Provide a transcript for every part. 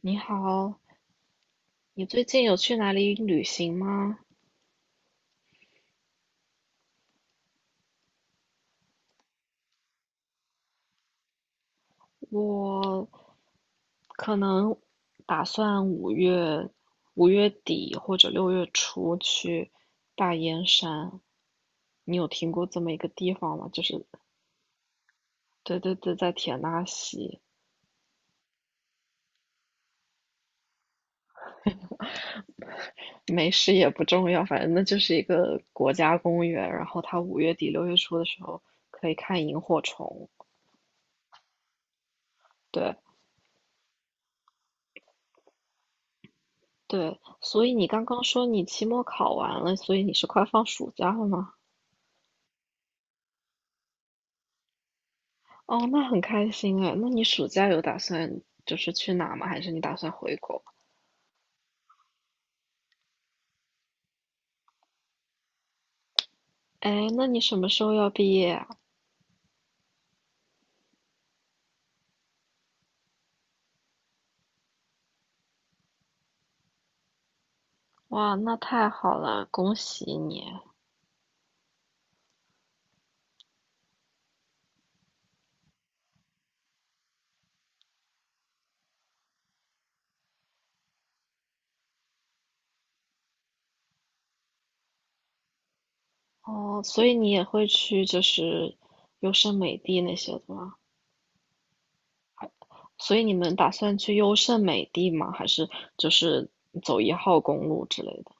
你好，你最近有去哪里旅行吗？我可能打算五月底或者六月初去大燕山。你有听过这么一个地方吗？就是对对对，在田纳西，没事也不重要，反正那就是一个国家公园。然后它五月底六月初的时候可以看萤火虫。对对，所以你刚刚说你期末考完了，所以你是快放暑假了吗？哦，那很开心哎。那你暑假有打算就是去哪吗？还是你打算回国？哎，那你什么时候要毕业啊？哇，那太好了，恭喜你！哦，所以你也会去就是优胜美地那些的吗？所以你们打算去优胜美地吗？还是就是走一号公路之类的？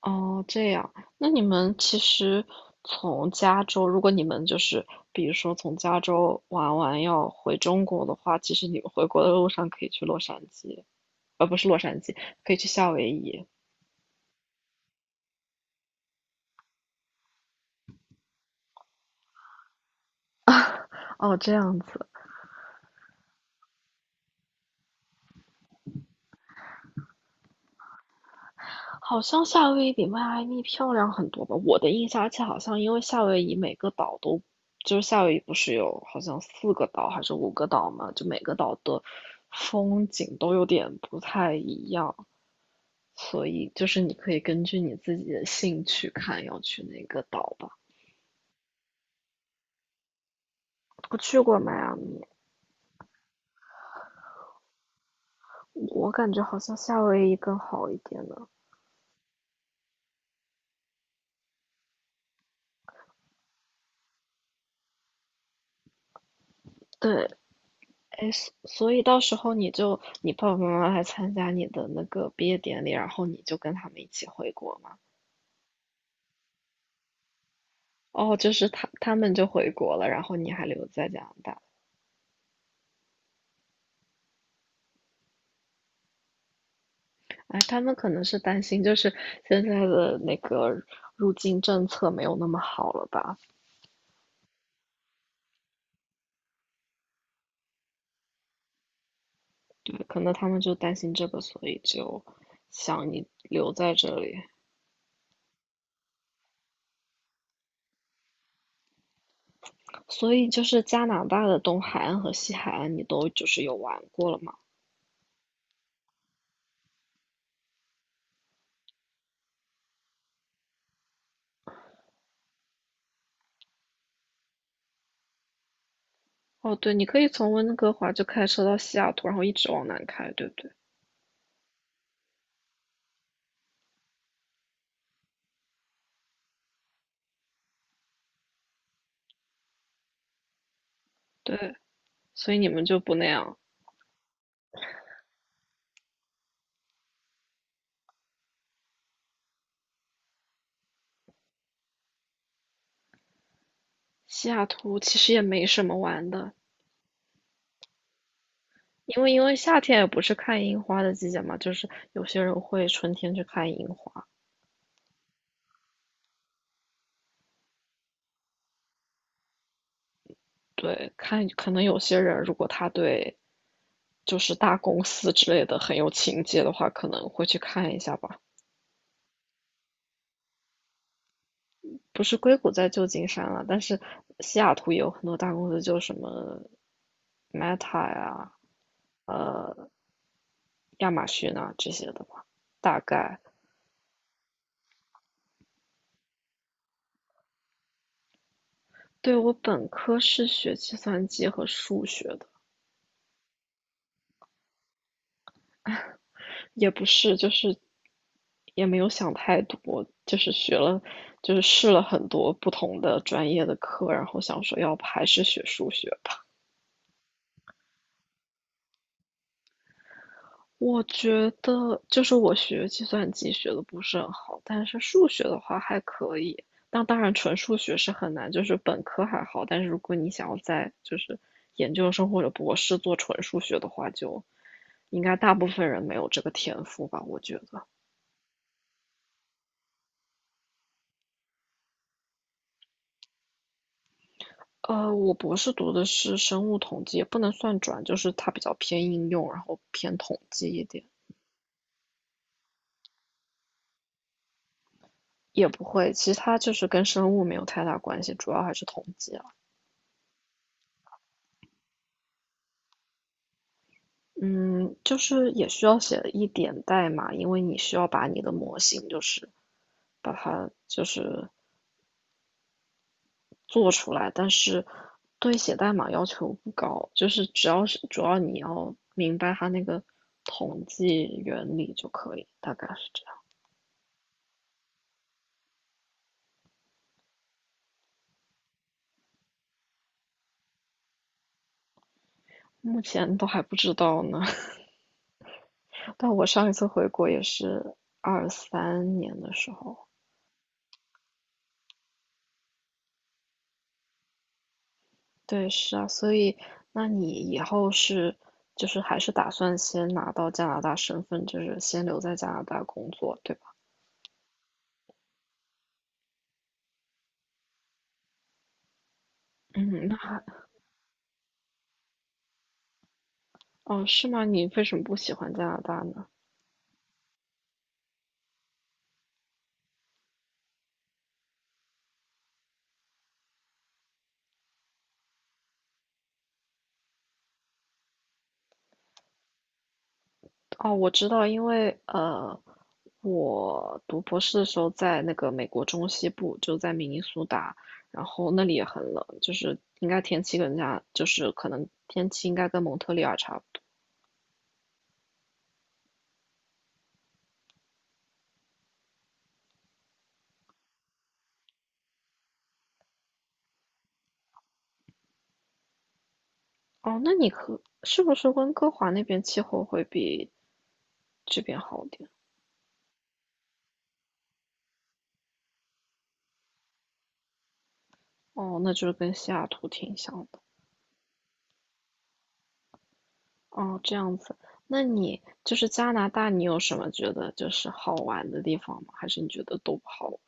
哦，这样，那你们其实从加州，如果你们就是，比如说从加州玩完要回中国的话，其实你们回国的路上可以去洛杉矶，不是洛杉矶，可以去夏威夷。哦，这样子，好像夏威夷比迈阿密漂亮很多吧？我的印象，而且好像因为夏威夷每个岛都，就是夏威夷不是有好像四个岛还是五个岛嘛，就每个岛的风景都有点不太一样。所以就是你可以根据你自己的兴趣看要去哪个岛吧。我去过迈阿密，我感觉好像夏威夷更好一点呢。对，哎，所以到时候你就你爸爸妈妈来参加你的那个毕业典礼，然后你就跟他们一起回国嘛。哦，就是他们就回国了，然后你还留在加拿大。哎，他们可能是担心，就是现在的那个入境政策没有那么好了吧，对，可能他们就担心这个，所以就想你留在这里。所以就是加拿大的东海岸和西海岸，你都就是有玩过了吗？哦，对，你可以从温哥华就开车到西雅图，然后一直往南开，对不对？对，所以你们就不那样。西雅图其实也没什么玩的，因为夏天也不是看樱花的季节嘛，就是有些人会春天去看樱花。对，看可能有些人如果他对就是大公司之类的很有情节的话，可能会去看一下吧。不是硅谷在旧金山了，但是西雅图也有很多大公司，就什么 Meta 呀、呃亚马逊啊这些的吧。大概对我本科是学计算机和数学的，也不是就是也没有想太多，就是学了就是试了很多不同的专业的课，然后想说要不还是学数学我觉得就是我学计算机学的不是很好，但是数学的话还可以。但当然，纯数学是很难，就是本科还好，但是如果你想要在就是研究生或者博士做纯数学的话，就应该大部分人没有这个天赋吧，我觉得。我博士读的是生物统计，也不能算转，就是它比较偏应用，然后偏统计一点，也不会，其他就是跟生物没有太大关系，主要还是统计。啊。嗯，就是也需要写一点代码，因为你需要把你的模型就是把它就是做出来，但是对写代码要求不高，就是只要是主要你要明白它那个统计原理就可以，大概是这样。目前都还不知道呢，但我上一次回国也是23年的时候。对，是啊，所以那你以后是就是还是打算先拿到加拿大身份，就是先留在加拿大工作，对吧？嗯，那还哦，是吗？你为什么不喜欢加拿大呢？哦，我知道，因为我读博士的时候在那个美国中西部，就在明尼苏达，然后那里也很冷，就是应该天气跟加，就是可能天气应该跟蒙特利尔差不多。哦，那你可是不是温哥华那边气候会比这边好点？哦，那就是跟西雅图挺像的。哦，这样子。那你就是加拿大，你有什么觉得就是好玩的地方吗？还是你觉得都不好玩？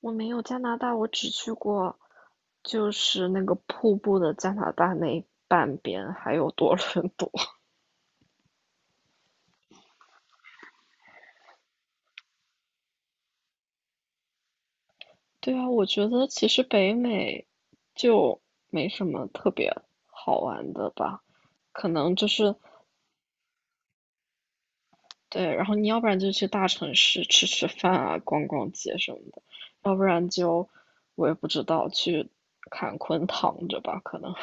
我没有加拿大，我只去过就是那个瀑布的加拿大那半边，还有多伦多。对啊，我觉得其实北美就没什么特别好玩的吧，可能就是对，然后你要不然就去大城市吃吃饭啊，逛逛街什么的，要不然就我也不知道去坎昆躺着吧，可能。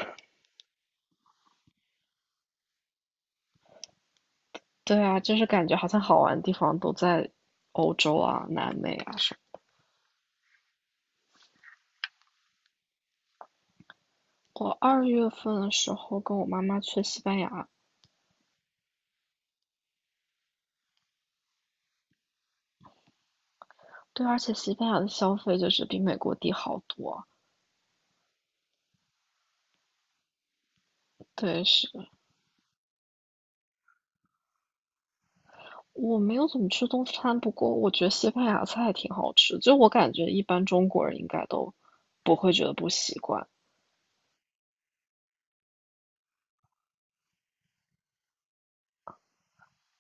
对啊，就是感觉好像好玩的地方都在欧洲啊、南美啊什么。我二月份的时候跟我妈妈去西班牙，对，而且西班牙的消费就是比美国低好多啊。对，是我没有怎么吃中餐，不过我觉得西班牙菜挺好吃，就我感觉一般中国人应该都不会觉得不习惯。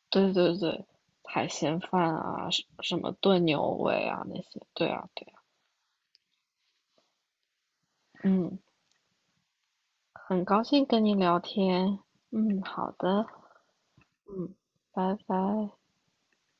对对对，海鲜饭啊，什么炖牛尾啊那些，对啊对啊，嗯，很高兴跟你聊天，嗯，好的，嗯，拜拜。